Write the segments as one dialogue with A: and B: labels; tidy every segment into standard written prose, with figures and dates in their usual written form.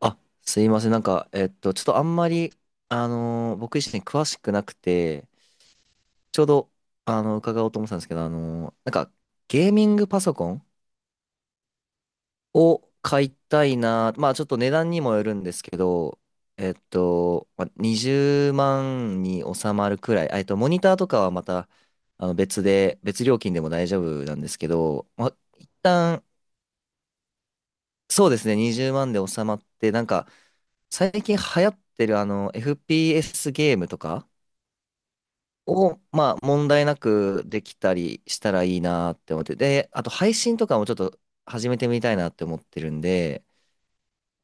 A: あ、すいません。ちょっとあんまり、僕自身詳しくなくて、ちょうど、伺おうと思ってたんですけど、ゲーミングパソコンを買いたいな。まあ、ちょっと値段にもよるんですけど、まあ、20万に収まるくらい、モニターとかはまた、別で、別料金でも大丈夫なんですけど、まあ、一旦、そうですね、20万で収まって、なんか、最近流行ってる、FPS ゲームとか、を、まあ、問題なくできたりしたらいいなって思って、で、あと配信とかもちょっと始めてみたいなって思ってるんで。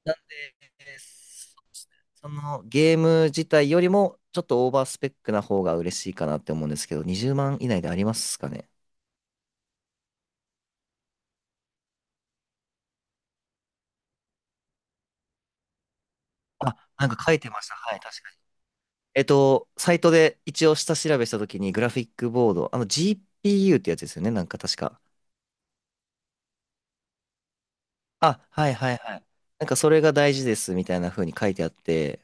A: なんで、そうですね、そのゲーム自体よりもちょっとオーバースペックな方が嬉しいかなって思うんですけど、20万以内でありますかね？あ、なんか書いてました。はい、確かに。サイトで一応下調べしたときにグラフィックボード、あの GPU ってやつですよね、なんか確か。あ、はいはいはい。なんかそれが大事ですみたいな風に書いてあって、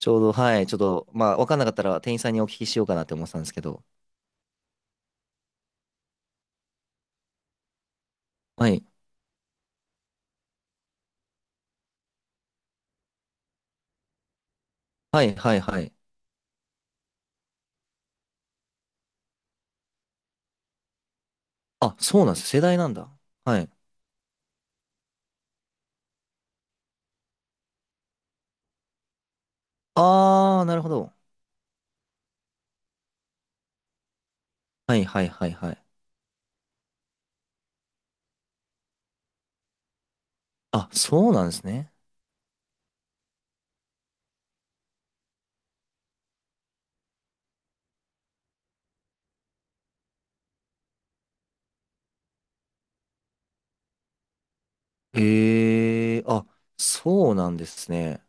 A: ちょうど、はい、ちょっと、まあ、わかんなかったら店員さんにお聞きしようかなって思ってたんですけど。はい。はい、はい、はい。あ、そうなんです。世代なんだ。はい。あー、なるほど。はい、はい、はい、はい。あ、そうなんですね。へえ、あ、そうなんですね。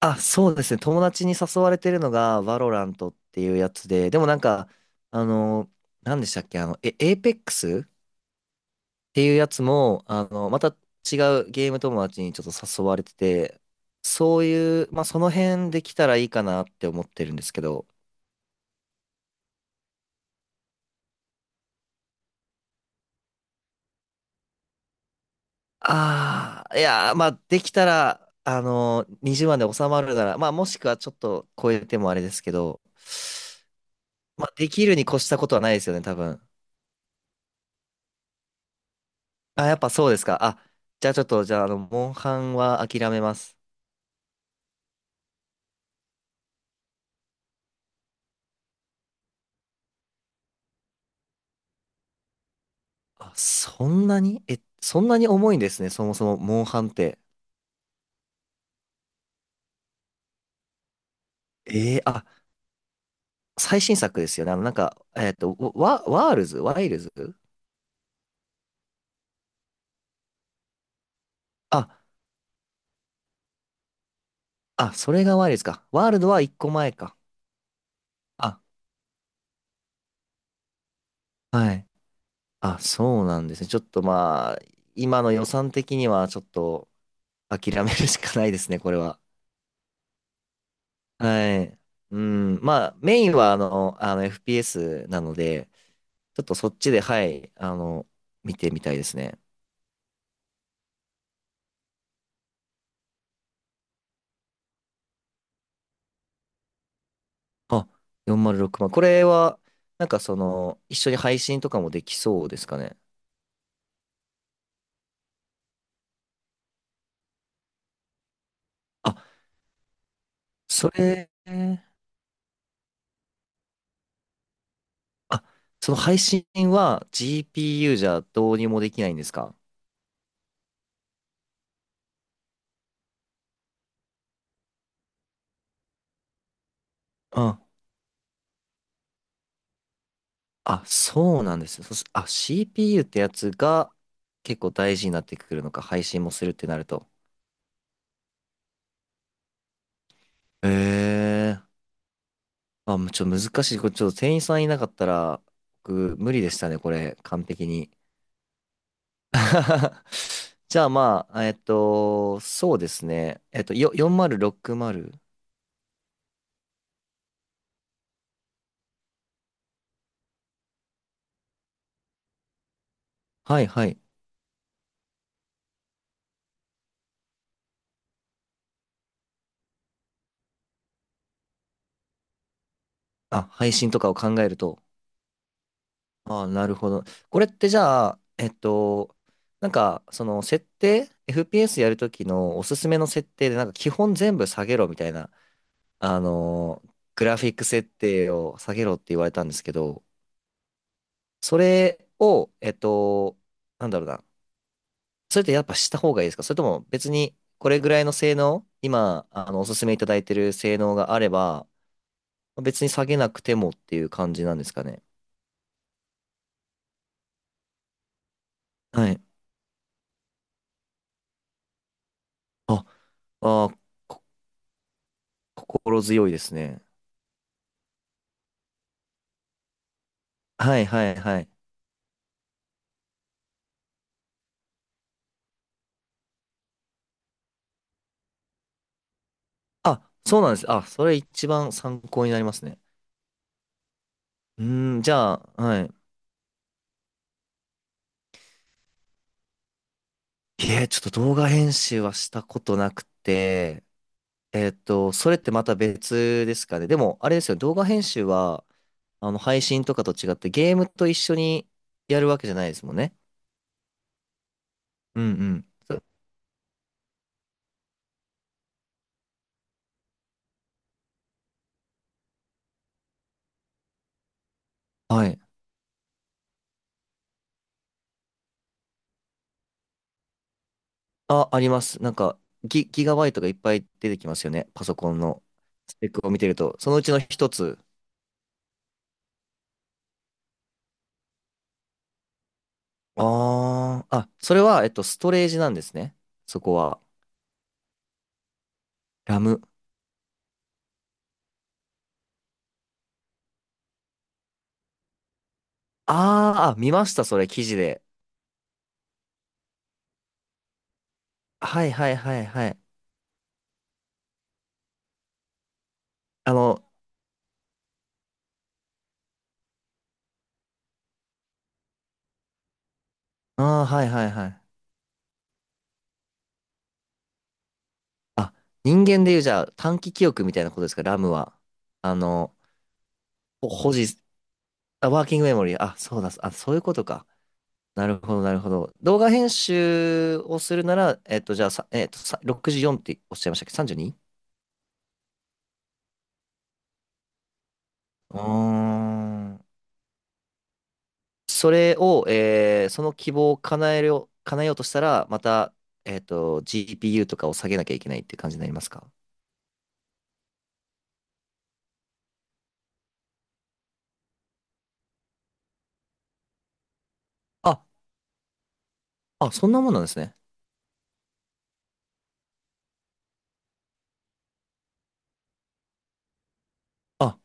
A: あ、そうですね。友達に誘われてるのが、バロラントっていうやつで、でもなんか、あの、何でしたっけ、エーペックスていうやつも、また違うゲーム友達にちょっと誘われてて、そういう、まあ、その辺できたらいいかなって思ってるんですけど。ああ、いやー、まあ、できたら、20万で収まるなら、まあ、もしくはちょっと超えてもあれですけど、まあ、できるに越したことはないですよね、多分。あ、やっぱそうですか。あ、じゃあちょっと、じゃあ、あの、モンハンは諦めます。あ、そんなに重いんですね、そもそも、モンハンって。あ、最新作ですよね。なんか、ワールズワイルズ。あ、あ、それがワイルズか。ワールドは一個前か。あ、はい。あ、そうなんですね。ちょっとまあ、今の予算的にはちょっと諦めるしかないですね、これは。はい。うん。まあ、メインはあの FPS なので、ちょっとそっちで、はい、見てみたいですね。あ、406万。これは、なんかその、一緒に配信とかもできそうですかね。あ、それ、あ、その配信は GPU じゃどうにもできないんですか？うん。あ、そうなんです。そしあ、CPU ってやつが結構大事になってくるのか、配信もするってなると。ええもうちょっと難しい。これちょっと店員さんいなかったら、僕無理でしたね、これ、完璧に。じゃあまあ、そうですね。4060？ はいはい。あ、配信とかを考えると。ああ、なるほど。これってじゃあ、なんか、その設定、FPS やるときのおすすめの設定で、なんか基本全部下げろみたいな、グラフィック設定を下げろって言われたんですけど、それを、なんだろうな。それってやっぱした方がいいですか？それとも別にこれぐらいの性能、今、おすすめいただいてる性能があれば、別に下げなくてもっていう感じなんですかね。はい。あ、あー、こ心強いですね。はいはいはい。あ、そうなんです。あ、それ一番参考になりますね。うーん、じゃあ、はい。いえ、ちょっと動画編集はしたことなくて、それってまた別ですかね。でも、あれですよね、動画編集は、配信とかと違ってゲームと一緒にやるわけじゃないですもんね。うんうん。はい。あ、あります。なんか、ギガバイトがいっぱい出てきますよね。パソコンのスペックを見てると。そのうちの一つ。ああ、あ、それは、ストレージなんですね。そこは。ラム。あーあ、見ました、それ、記事で。はいはいはいはい。あの、ああ、はいはいはい。あ、人間でいう、じゃあ、短期記憶みたいなことですか、ラムは。あの、保持、あ、ワーキングメモリー。あ、そうだ、あ、そういうことか。なるほど、なるほど。動画編集をするなら、じゃあ、64っておっしゃいましたっけ 32？ うにうーん。それを、その希望を叶える叶えようとしたら、また、GPU とかを下げなきゃいけないって感じになりますか？あ、あ、そんなもんなんですね。あ、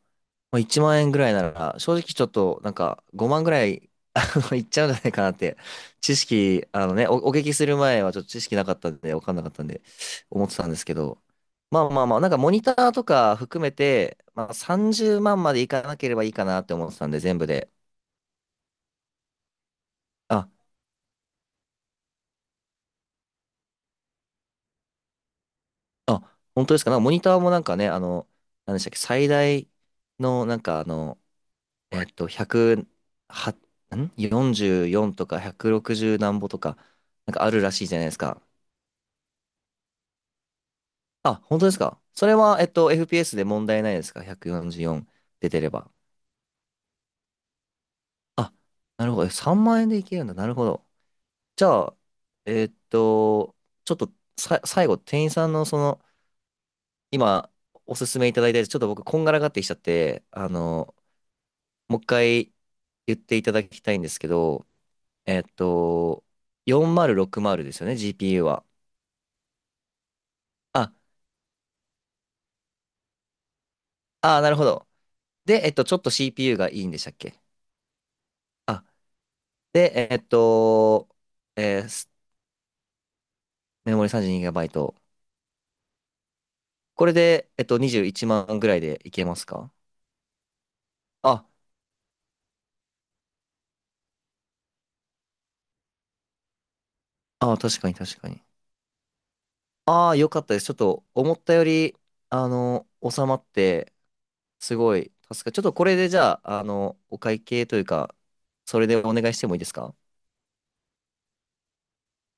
A: まあ、1万円ぐらいなら、正直ちょっと、なんか、5万ぐらい、いっちゃうんじゃないかなって、知識、お聞きする前はちょっと知識なかったんで、わかんなかったんで、思ってたんですけど、まあまあまあ、なんかモニターとか含めて、まあ、30万まんまでいかなければいいかなって思ってたんで、全部で。ああ、本当ですか。なんかモニターもなんかね、何でしたっけ、最大のなんか1は、ん ?44 とか160何歩とか、なんかあるらしいじゃないですか。あ、本当ですか。それは、FPS で問題ないですか ?144 出てれば。あ、なるほど。3万円でいけるんだ。なるほど。じゃあ、えっと、ちょっと最後、店員さんのその、今、おすすめいただいたやつ、ちょっと僕、こんがらがってきちゃって、もう一回言っていただきたいんですけど、えっと、4060ですよね、GPU は。あ、あー、なるほど。で、ちょっと CPU がいいんでしたっけ？あ、で、えっと、えーすメモリ 32GB。これで、21万ぐらいでいけますか？あ、あー、確かに確かに。ああ、よかったです。ちょっと、思ったより、収まって、すごい、ちょっとこれでじゃあ、お会計というか、それでお願いしてもいいですか？